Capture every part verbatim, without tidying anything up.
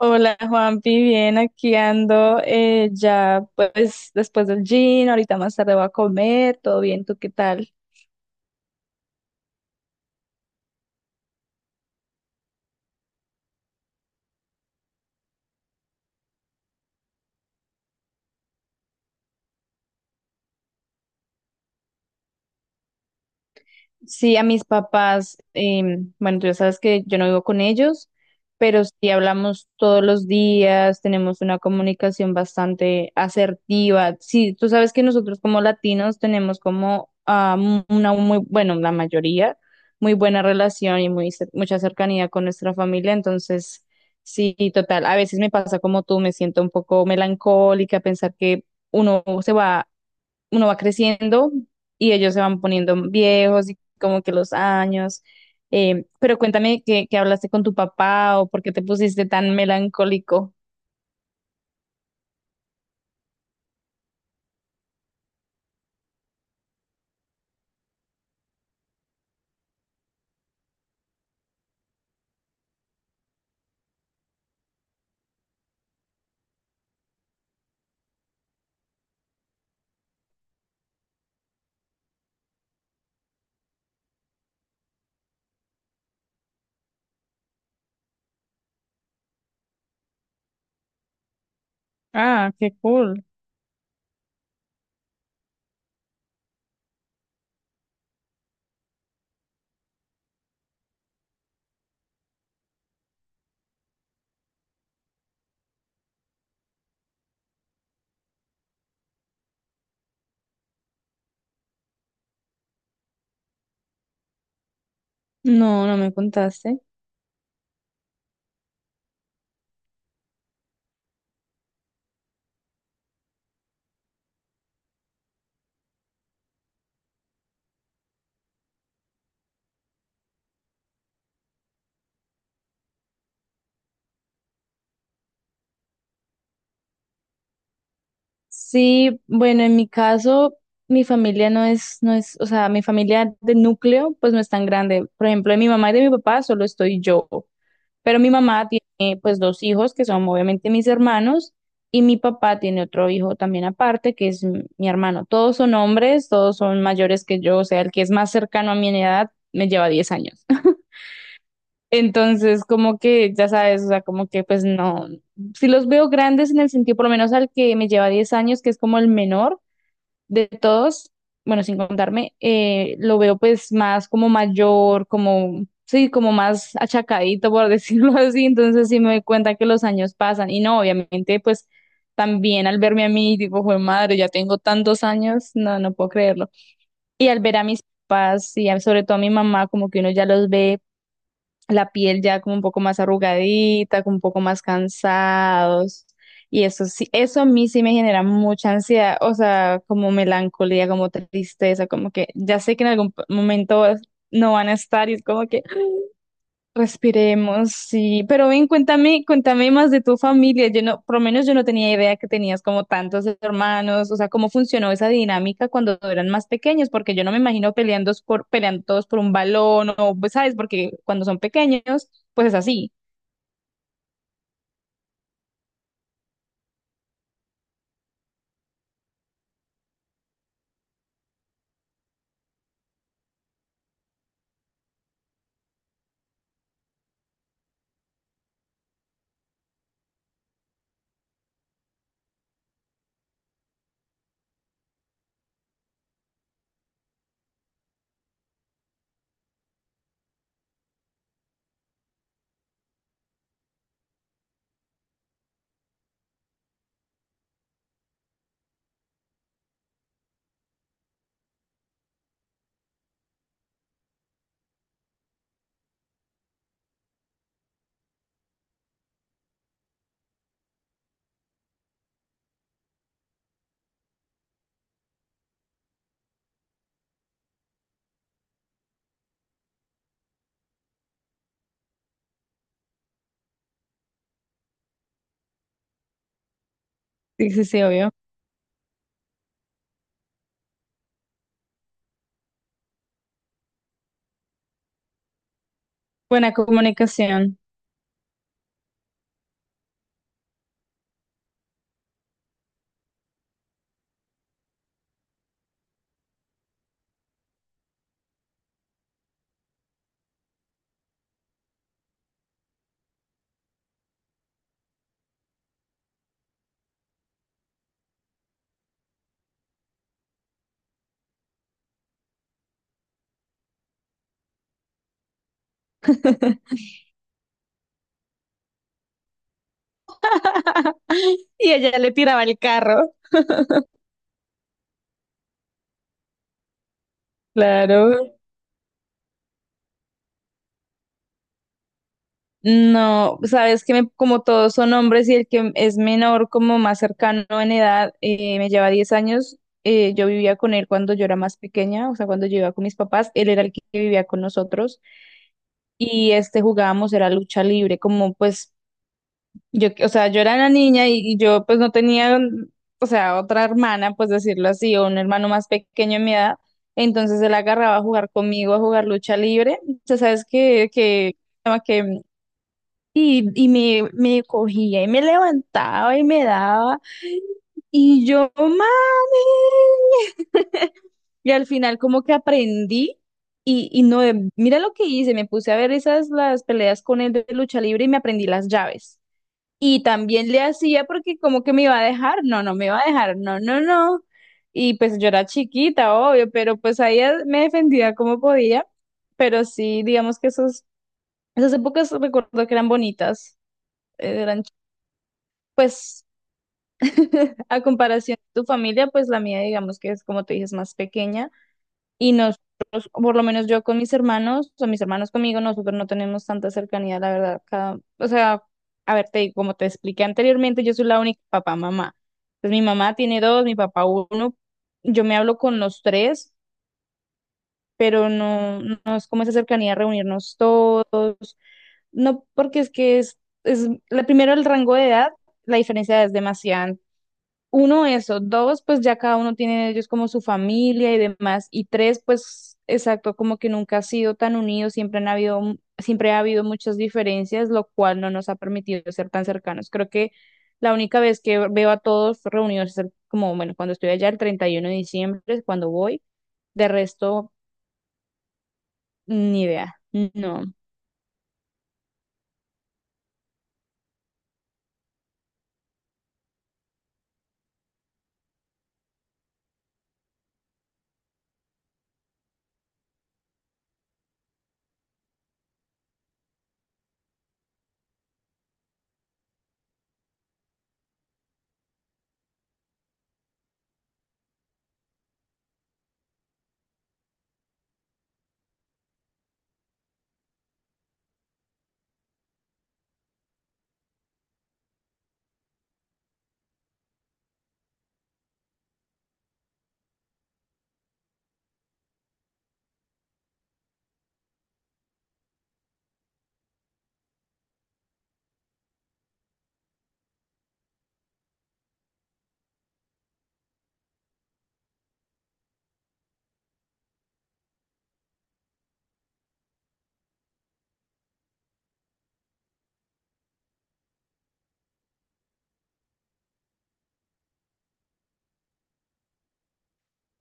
Hola Juanpi, bien, aquí ando eh, ya pues después del gym, ahorita más tarde voy a comer, todo bien, ¿tú qué tal? Sí, a mis papás, em, bueno, tú ya sabes que yo no vivo con ellos, pero sí hablamos todos los días, tenemos una comunicación bastante asertiva. Sí, tú sabes que nosotros como latinos tenemos como ah, mu- una muy, bueno, la mayoría, muy buena relación y muy, cer- mucha cercanía con nuestra familia, entonces sí, total, a veces me pasa como tú, me siento un poco melancólica, pensar que uno se va uno va creciendo y ellos se van poniendo viejos y como que los años. Eh, pero cuéntame que, hablaste con tu papá o por qué te pusiste tan melancólico. Ah, qué cool. No, no me contaste. Sí, bueno, en mi caso, mi familia no es, no es, o sea, mi familia de núcleo, pues no es tan grande. Por ejemplo, de mi mamá y de mi papá solo estoy yo. Pero mi mamá tiene pues dos hijos que son obviamente mis hermanos y mi papá tiene otro hijo también aparte que es m- mi hermano. Todos son hombres, todos son mayores que yo, o sea, el que es más cercano a mi edad me lleva diez años. Entonces, como que, ya sabes, o sea, como que pues no, si los veo grandes en el sentido, por lo menos al que me lleva diez años, que es como el menor, de todos, bueno, sin contarme, eh, lo veo pues más como mayor, como, sí, como más achacadito, por decirlo así, entonces sí me doy cuenta que los años pasan y no, obviamente pues también al verme a mí, digo, joder, madre, ya tengo tantos años, no, no puedo creerlo. Y al ver a mis papás y a- sobre todo a mi mamá, como que uno ya los ve la piel ya como un poco más arrugadita, como un poco más cansados. Y eso sí, eso a mí sí me genera mucha ansiedad, o sea, como melancolía, como tristeza, como que ya sé que en algún p- momento no van a estar y es como que respiremos, sí. Pero ven, cuéntame, cuéntame más de tu familia. Yo no, por lo menos yo no tenía idea que tenías como tantos hermanos. O sea, ¿cómo funcionó esa dinámica cuando eran más pequeños? Porque yo no me imagino peleando por, peleando todos por un balón o, pues, ¿sabes? Porque cuando son pequeños, pues es así. Sí, sí, sí, obvio. Buena comunicación. Y ella le tiraba el carro. Claro. No, sabes que me- como todos son hombres y el que es menor, como más cercano en edad, eh, me lleva diez años. Eh, yo vivía con él cuando yo era más pequeña, o sea, cuando yo iba con mis papás, él era el que vivía con nosotros y este jugábamos, era lucha libre, como pues yo, o sea, yo era la niña y, y yo pues no tenía, o sea, otra hermana, pues decirlo así, o un hermano más pequeño en mi edad. Entonces él agarraba a jugar conmigo, a jugar lucha libre. O sea, sabes que, que, y, y me, me cogía y me levantaba y me daba. Y yo, mami. Y al final como que aprendí y, y no, eh, mira lo que hice, me puse a ver esas las peleas con él de lucha libre y me aprendí las llaves. Y también le hacía porque como que me iba a dejar, no, no me iba a dejar, no, no, no. Y pues yo era chiquita, obvio, pero pues ahí eh, me defendía como podía. Pero sí, digamos que esos, esas épocas recuerdo que eran bonitas, eh, eran pues a comparación de tu familia, pues la mía, digamos que es como tú dices, más pequeña y nosotros, o por lo menos yo con mis hermanos, o mis hermanos conmigo, nosotros no tenemos tanta cercanía, la verdad. Cada- o sea, a ver, te digo, como te expliqué anteriormente, yo soy la única papá, mamá. Pues mi mamá tiene dos, mi papá uno. Yo me hablo con los tres, pero no, no es como esa cercanía, reunirnos todos. No, porque es que es, es la, primero el rango de edad, la diferencia de edad es demasiada. Uno, eso. Dos, pues ya cada uno tiene de ellos como su familia y demás. Y tres, pues exacto, como que nunca ha sido tan unidos, siempre han habido, mu- siempre ha habido muchas diferencias, lo cual no nos ha permitido ser tan cercanos. Creo que la única vez que veo a todos reunidos es el- como, bueno, cuando estoy allá el treinta y uno de diciembre, es cuando voy. De resto, ni idea. No.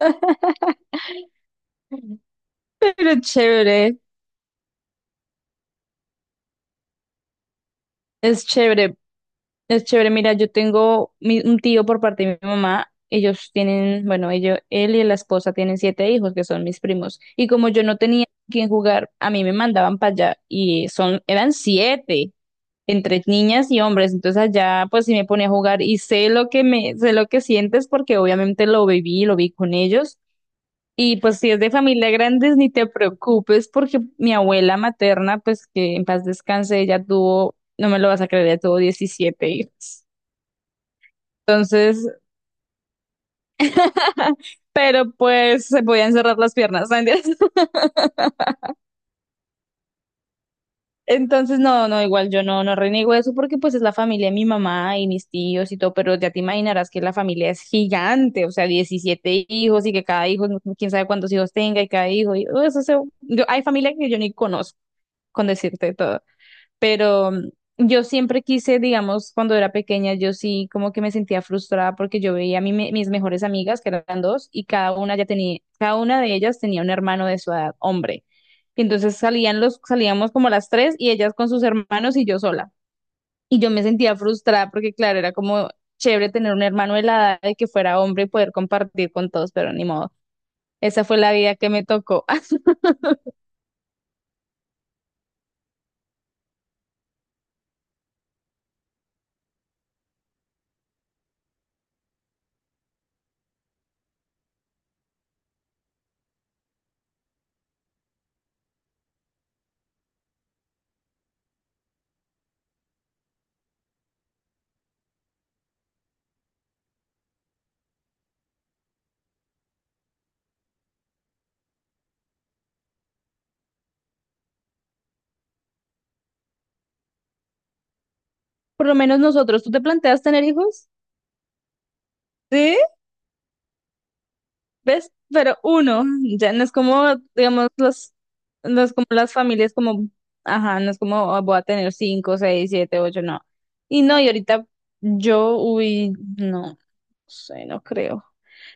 Pero chévere, es chévere. Es chévere, mira, yo tengo mi- un tío por parte de mi mamá. Ellos tienen, bueno, ellos, él y la esposa tienen siete hijos que son mis primos. Y como yo no tenía quien jugar, a mí me mandaban para allá y son, eran siete entre niñas y hombres. Entonces allá, pues sí me ponía a jugar y sé lo que me, sé lo que sientes porque obviamente lo viví, lo vi con ellos. Y pues si es de familia grandes, ni te preocupes porque mi abuela materna, pues que en paz descanse, ella tuvo, no me lo vas a creer, ella tuvo diecisiete hijos. Entonces, pero pues se podían cerrar las piernas, ¿no? ¿Entiendes? Entonces, no, no, igual yo no, no reniego eso porque pues es la familia de mi mamá y mis tíos y todo, pero ya te imaginarás que la familia es gigante, o sea, diecisiete hijos y que cada hijo, no- quién sabe cuántos hijos tenga y cada hijo, y oh, eso se- yo, hay familia que yo ni conozco, con decirte todo. Pero mm, yo siempre quise, digamos, cuando era pequeña, yo sí como que me sentía frustrada porque yo veía a mi- mis mejores amigas, que eran dos, y cada una ya tenía, cada una de ellas tenía un hermano de su edad, hombre. Y entonces salían los, salíamos como las tres y ellas con sus hermanos y yo sola. Y yo me sentía frustrada porque, claro, era como chévere tener un hermano de la edad de que fuera hombre y poder compartir con todos, pero ni modo. Esa fue la vida que me tocó. Por lo menos nosotros, ¿tú te planteas tener hijos? Sí. ¿Ves? Pero uno, ya no es como, digamos, los, no es como las familias como, ajá, no es como "Ah, voy a tener cinco, seis, siete, ocho, no. Y no, y ahorita yo, uy, no, no sé, no creo.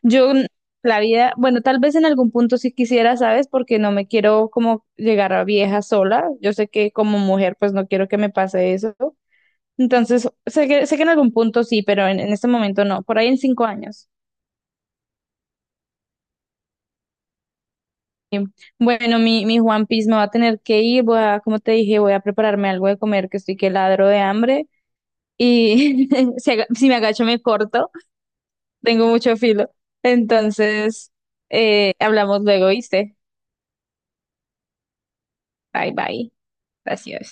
Yo, n- la vida, bueno, tal vez en algún punto sí quisiera, ¿sabes? Porque no me quiero como llegar a vieja sola. Yo sé que como mujer, pues no quiero que me pase eso. Entonces, sé que, sé que en algún punto sí, pero en, en este momento no, por ahí en cinco años. Bueno, mi, mi Juan Piece me va a tener que ir, voy a, como te dije, voy a prepararme algo de comer, que estoy que ladro de hambre y si, aga- si me agacho me corto, tengo mucho filo. Entonces, eh, hablamos luego, ¿viste? Bye bye, gracias.